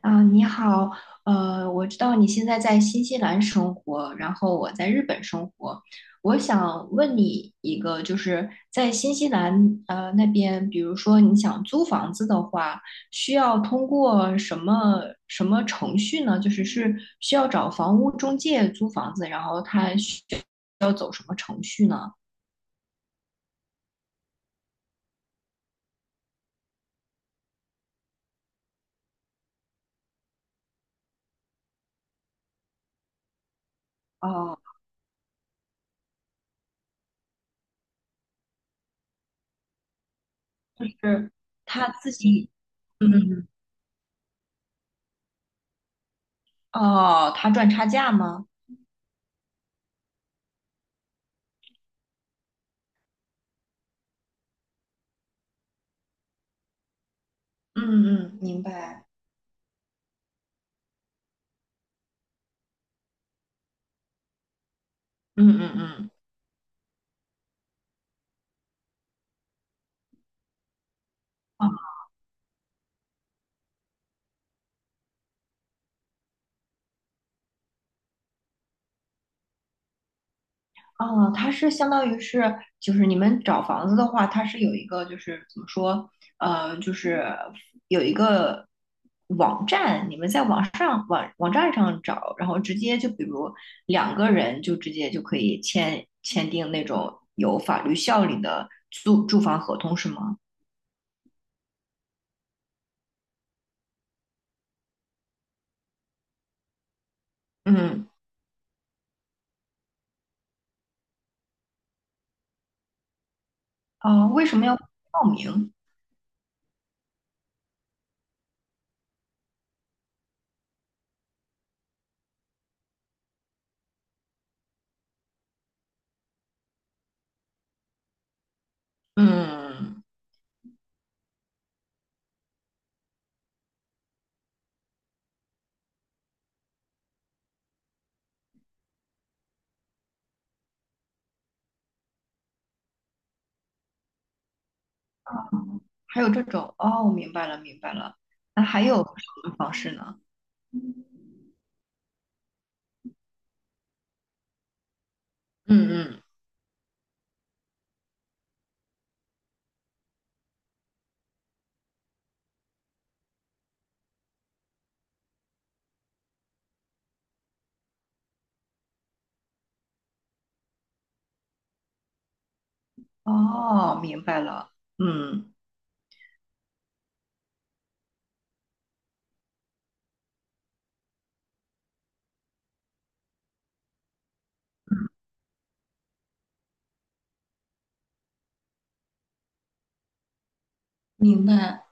啊，你好，我知道你现在在新西兰生活，然后我在日本生活。我想问你一个，就是在新西兰那边，比如说你想租房子的话，需要通过什么程序呢？就是需要找房屋中介租房子，然后他需要走什么程序呢？哦，就是他自己，嗯，嗯。哦，他赚差价吗？嗯嗯，明白。嗯嗯嗯。哦，它是相当于是，就是你们找房子的话，它是有一个，就是怎么说，就是有一个网站，你们在网上网站上找，然后直接就比如两个人就直接就可以签订那种有法律效力的租住房合同，是吗？嗯。哦，为什么要报名？嗯。还有这种，哦，明白了，明白了。那还有什么方式呢？嗯嗯。哦，明白了。嗯。明白。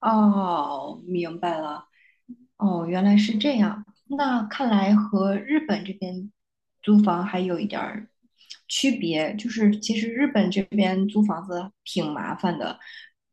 哦，明白了。哦，原来是这样。那看来和日本这边租房还有一点儿区别，就是其实日本这边租房子挺麻烦的。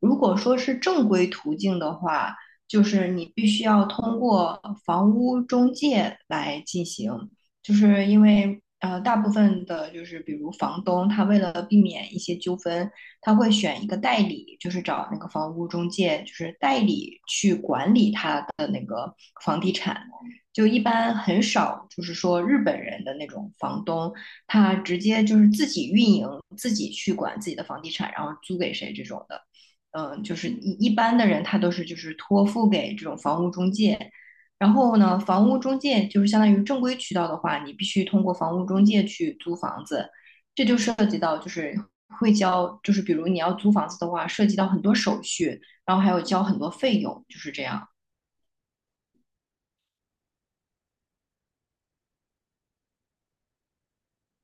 如果说是正规途径的话，就是你必须要通过房屋中介来进行。就是因为大部分的就是比如房东，他为了避免一些纠纷，他会选一个代理，就是找那个房屋中介，就是代理去管理他的那个房地产。就一般很少，就是说日本人的那种房东，他直接就是自己运营，自己去管自己的房地产，然后租给谁这种的。嗯，就是一般的人，他都是就是托付给这种房屋中介。然后呢，房屋中介就是相当于正规渠道的话，你必须通过房屋中介去租房子，这就涉及到就是会交，就是比如你要租房子的话，涉及到很多手续，然后还有交很多费用，就是这样。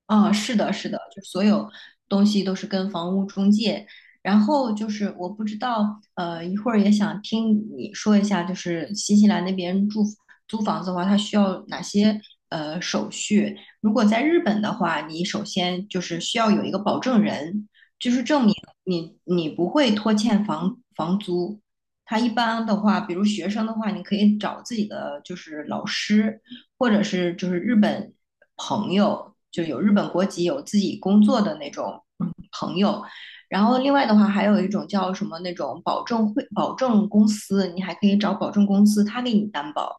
哦，是的，是的，就所有东西都是跟房屋中介。然后就是我不知道，一会儿也想听你说一下，就是新西兰那边住租房子的话，它需要哪些手续？如果在日本的话，你首先就是需要有一个保证人，就是证明你不会拖欠房租他一般的话，比如学生的话，你可以找自己的就是老师。或者是就是日本朋友，就有日本国籍、有自己工作的那种朋友。然后另外的话，还有一种叫什么那种保证公司，你还可以找保证公司，他给你担保，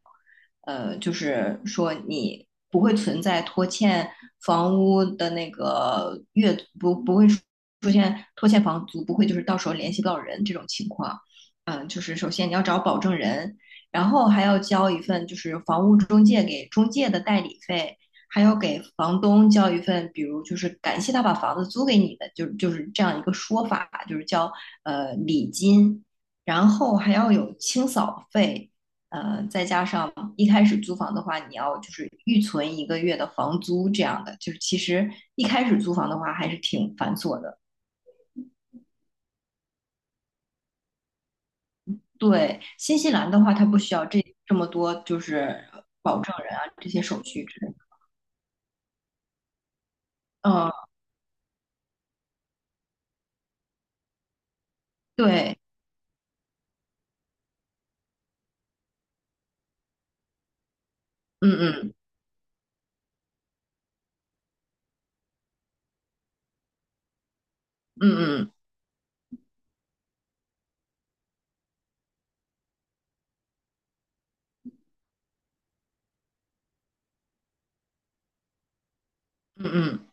就是说你不会存在拖欠房屋的那个月不会出现拖欠房租，不会就是到时候联系不到人这种情况。嗯，就是首先你要找保证人，然后还要交一份就是房屋中介给中介的代理费，还要给房东交一份，比如就是感谢他把房子租给你的，就是这样一个说法，就是交礼金，然后还要有清扫费，再加上一开始租房的话，你要就是预存1个月的房租这样的，就是其实一开始租房的话还是挺繁琐的。对，新西兰的话，它不需要这么多就是保证人啊这些手续之类的。嗯，对，嗯嗯嗯嗯嗯嗯，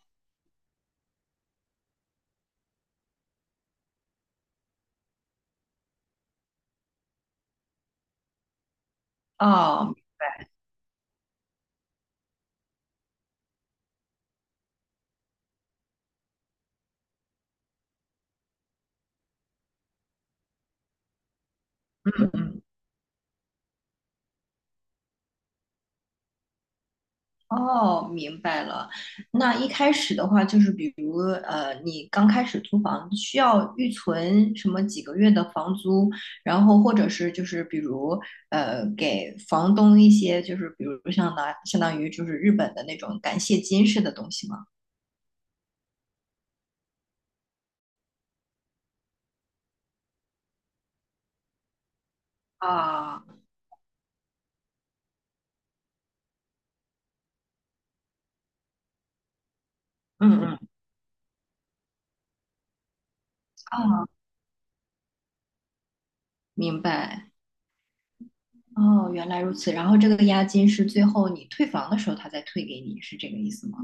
哦，嗯嗯。哦，明白了。那一开始的话，就是比如你刚开始租房需要预存什么几个月的房租，然后或者是就是比如给房东一些就是比如相当于就是日本的那种感谢金似的东西吗？啊，嗯嗯，啊，明白。哦，原来如此。然后这个押金是最后你退房的时候他再退给你，是这个意思吗？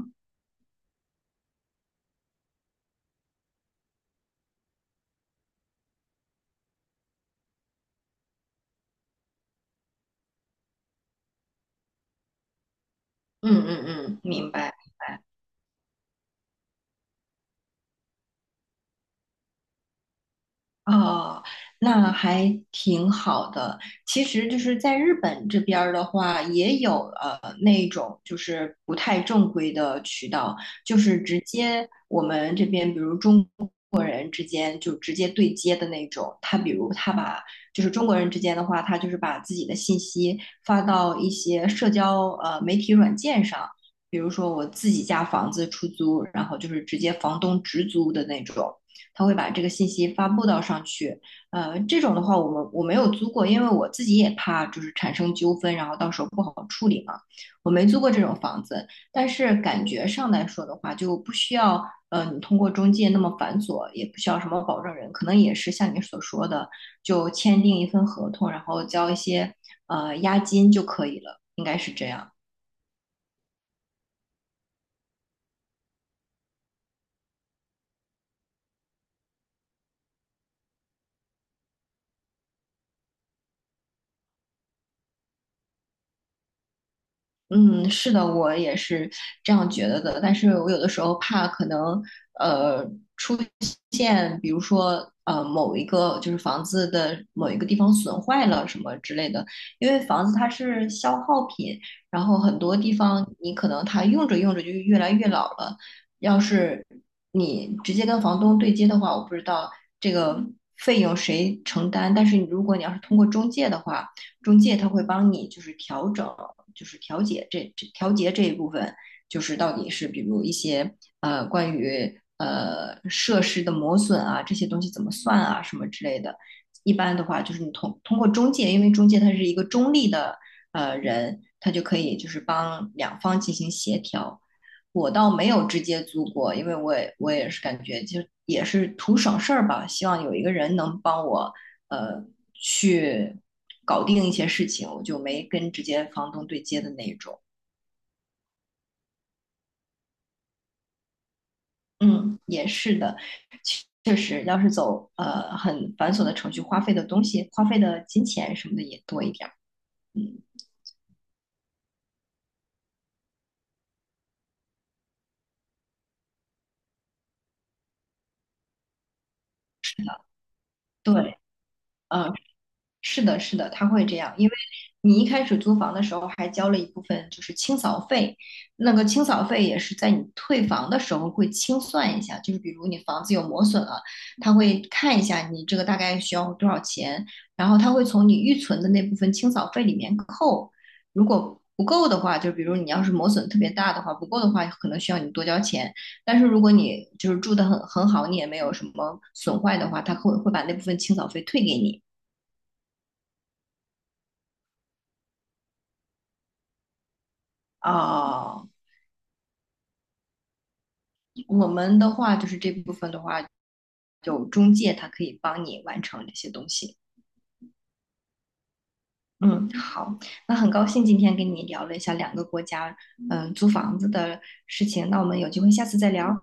嗯嗯嗯，明白。哦，那还挺好的。其实就是在日本这边儿的话，也有那种就是不太正规的渠道，就是直接我们这边，比如中国人之间就直接对接的那种。他比如他把就是中国人之间的话，他就是把自己的信息发到一些社交媒体软件上，比如说我自己家房子出租，然后就是直接房东直租的那种。他会把这个信息发布到上去。这种的话，我没有租过，因为我自己也怕就是产生纠纷，然后到时候不好处理嘛。我没租过这种房子，但是感觉上来说的话，就不需要你通过中介那么繁琐，也不需要什么保证人，可能也是像你所说的，就签订一份合同，然后交一些押金就可以了，应该是这样。嗯，是的，我也是这样觉得的。但是我有的时候怕可能，呃，出现比如说某一个就是房子的某一个地方损坏了什么之类的，因为房子它是消耗品，然后很多地方你可能它用着用着就越来越老了。要是你直接跟房东对接的话，我不知道这个费用谁承担。但是如果你要是通过中介的话，中介他会帮你就是调整。就是调节这一部分，就是到底是比如一些关于设施的磨损啊这些东西怎么算啊什么之类的。一般的话，就是你通过中介，因为中介他是一个中立的人，他就可以就是帮两方进行协调。我倒没有直接租过，因为我也是感觉就也是图省事儿吧，希望有一个人能帮我呃去搞定一些事情，我就没跟直接房东对接的那种。嗯，也是的，确实，要是走很繁琐的程序，花费的东西、花费的金钱什么的也多一点儿。嗯，对，嗯、是的，是的，他会这样，因为你一开始租房的时候还交了一部分就是清扫费，那个清扫费也是在你退房的时候会清算一下，就是比如你房子有磨损了，他会看一下你这个大概需要多少钱，然后他会从你预存的那部分清扫费里面扣，如果不够的话，就比如你要是磨损特别大的话，不够的话可能需要你多交钱，但是如果你就是住得很好，你也没有什么损坏的话，会把那部分清扫费退给你。哦，我们的话就是这部分的话，有中介，他可以帮你完成这些东西。嗯，好，那很高兴今天跟你聊了一下两个国家，嗯，租房子的事情。那我们有机会下次再聊，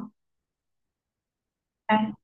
拜拜。